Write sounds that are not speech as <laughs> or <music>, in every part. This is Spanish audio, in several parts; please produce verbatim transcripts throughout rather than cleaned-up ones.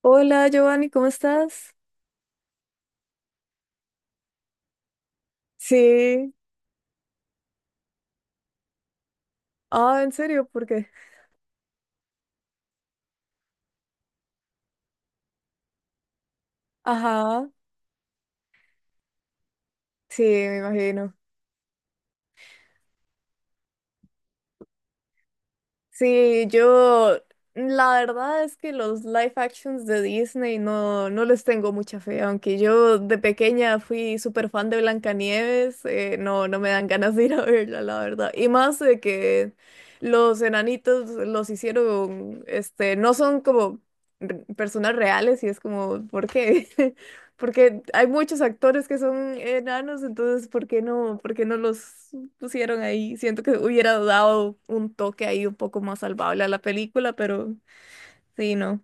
Hola Giovanni, ¿cómo estás? Sí. Ah, ¿en serio? ¿Por qué? Ajá, sí, me imagino. Sí, yo la verdad es que los live actions de Disney no, no les tengo mucha fe, aunque yo de pequeña fui súper fan de Blancanieves, eh, no, no me dan ganas de ir a verla, la verdad. Y más de que los enanitos los hicieron, este, no son como r- personas reales y es como, ¿por qué? <laughs> Porque hay muchos actores que son enanos, entonces, ¿por qué no, ¿por qué no los pusieron ahí? Siento que hubiera dado un toque ahí un poco más salvable a la película, pero sí, no.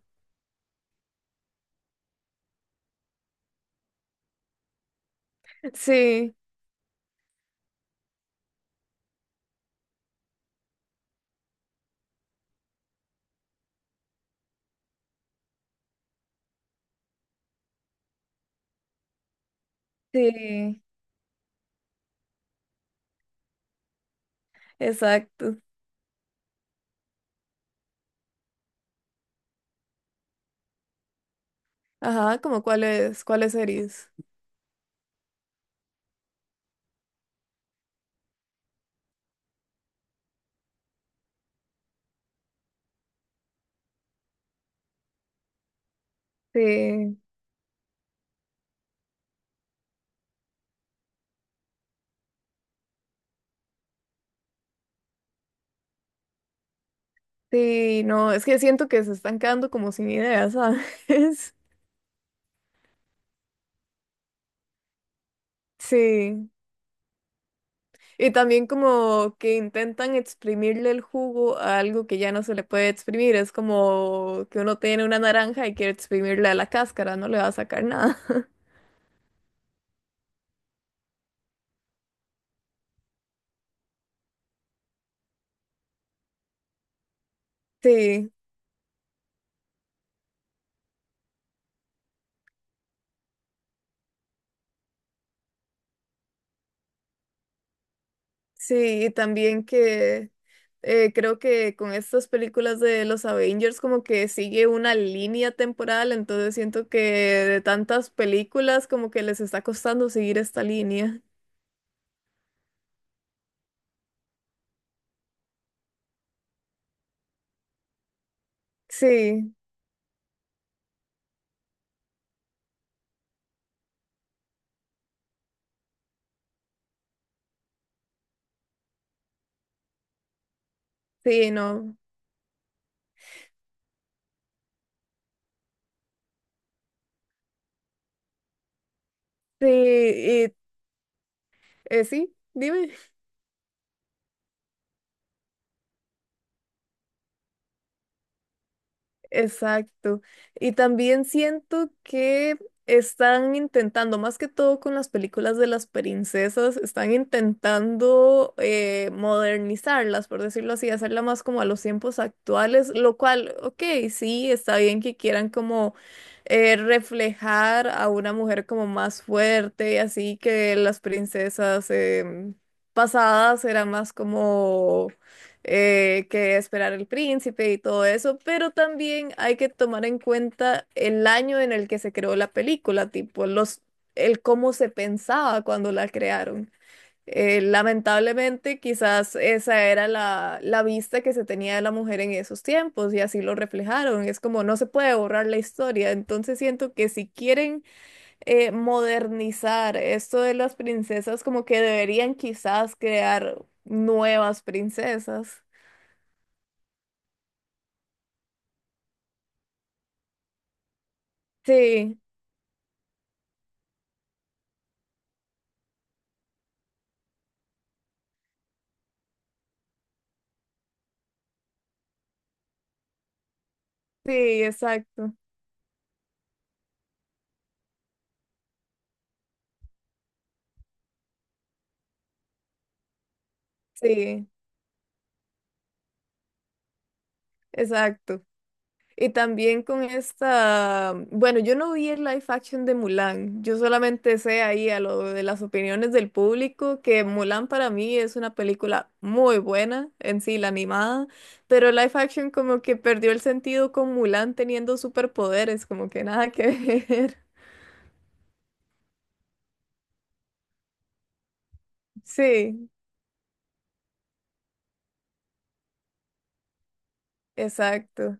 Sí, sí, exacto. Ajá, ¿como cuáles, cuáles series? Sí, sí, no, es que siento que se están quedando como sin ideas, ¿sabes? <laughs> Sí. Y también como que intentan exprimirle el jugo a algo que ya no se le puede exprimir. Es como que uno tiene una naranja y quiere exprimirle a la cáscara, no le va a sacar nada. <laughs> Sí. Sí, y también que eh, creo que con estas películas de los Avengers como que sigue una línea temporal, entonces siento que de tantas películas como que les está costando seguir esta línea. Sí, sí, no. Sí, y eh, sí, dime. Exacto. Y también siento que están intentando, más que todo con las películas de las princesas, están intentando eh, modernizarlas, por decirlo así, hacerla más como a los tiempos actuales, lo cual, ok, sí, está bien que quieran como eh, reflejar a una mujer como más fuerte, así que las princesas em, pasadas eran más como eh, que esperar el príncipe y todo eso, pero también hay que tomar en cuenta el año en el que se creó la película, tipo los, el cómo se pensaba cuando la crearon. Eh, lamentablemente, quizás esa era la, la vista que se tenía de la mujer en esos tiempos y así lo reflejaron. Es como no se puede borrar la historia. Entonces siento que si quieren eh, modernizar esto de las princesas, como que deberían quizás crear nuevas princesas. Sí, sí, exacto, sí, exacto. Y también con esta, bueno, yo no vi el live action de Mulan, yo solamente sé ahí a lo de las opiniones del público que Mulan para mí es una película muy buena en sí, la animada, pero el live action como que perdió el sentido con Mulan teniendo superpoderes, como que nada que ver. <laughs> Sí, exacto,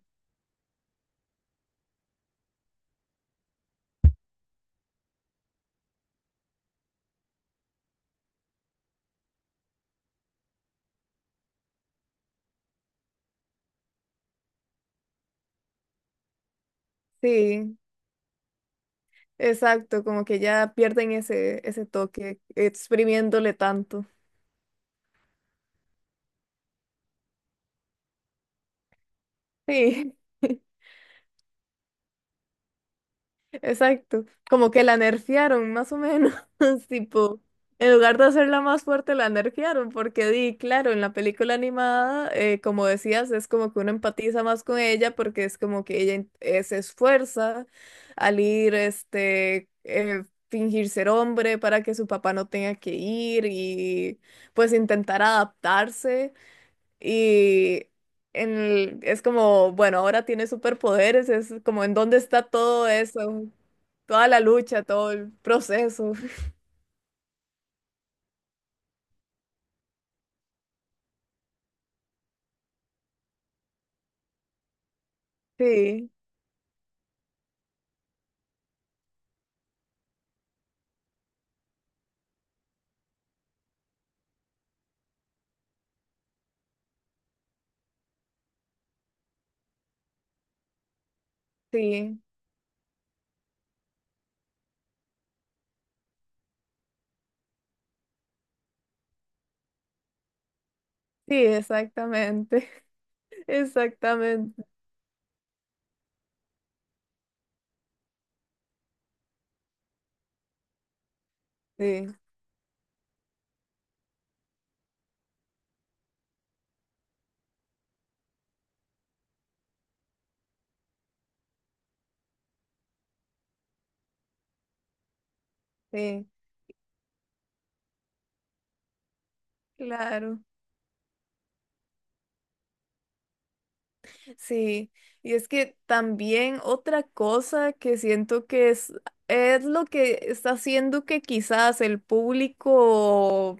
sí, exacto, como que ya pierden ese, ese toque exprimiéndole tanto. Sí, <laughs> exacto. Como que la nerfearon, más o menos. <laughs> Tipo, en lugar de hacerla más fuerte, la nerfearon. Porque di, claro, en la película animada, eh, como decías, es como que uno empatiza más con ella porque es como que ella in- eh, se esfuerza al ir, este, eh, fingir ser hombre para que su papá no tenga que ir y pues intentar adaptarse. Y en el- es como, bueno, ahora tiene superpoderes, es como en dónde está todo eso, toda la lucha, todo el proceso. <laughs> Sí, sí, sí, exactamente, <laughs> exactamente, sí, sí, claro, sí. Y es que también otra cosa que siento que es, es lo que está haciendo que quizás el público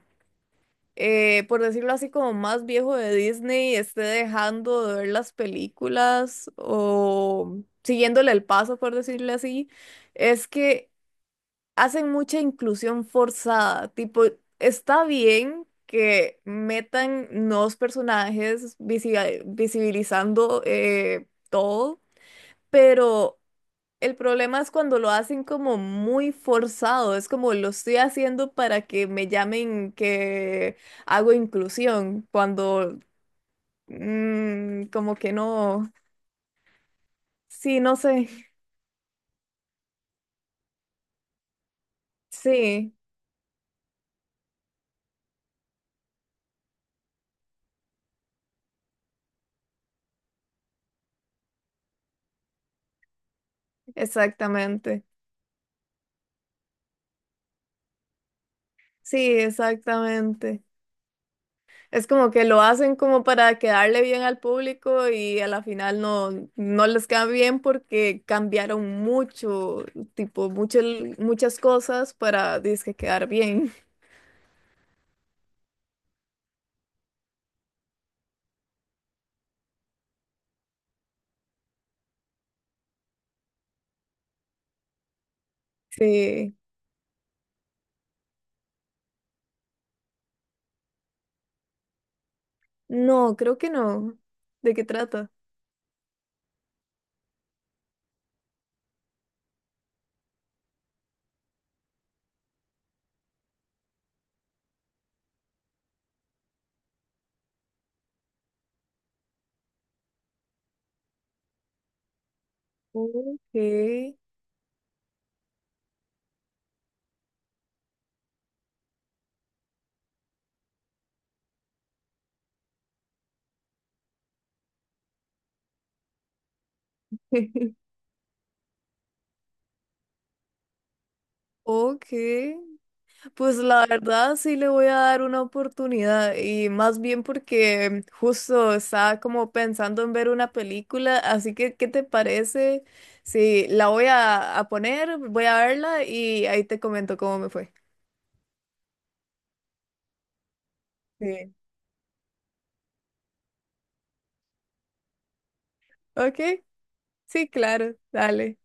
eh, por decirlo así, como más viejo de Disney, esté dejando de ver las películas o siguiéndole el paso, por decirlo así, es que hacen mucha inclusión forzada. Tipo, está bien que metan nuevos personajes visi- visibilizando eh, todo, pero... El problema es cuando lo hacen como muy forzado, es como lo estoy haciendo para que me llamen que hago inclusión, cuando mm, como que no, sí, no sé, sí, exactamente, sí, exactamente. Es como que lo hacen como para quedarle bien al público y a la final no, no les queda bien porque cambiaron mucho, tipo, mucho, muchas cosas para, dizque, quedar bien. Sí. No, creo que no. ¿De qué trata? Ok. <laughs> Ok. Pues la verdad sí le voy a dar una oportunidad y más bien porque justo estaba como pensando en ver una película, así que ¿qué te parece? Sí, la voy a, a poner, voy a verla y ahí te comento cómo me fue. Sí. Ok, sí, claro, dale.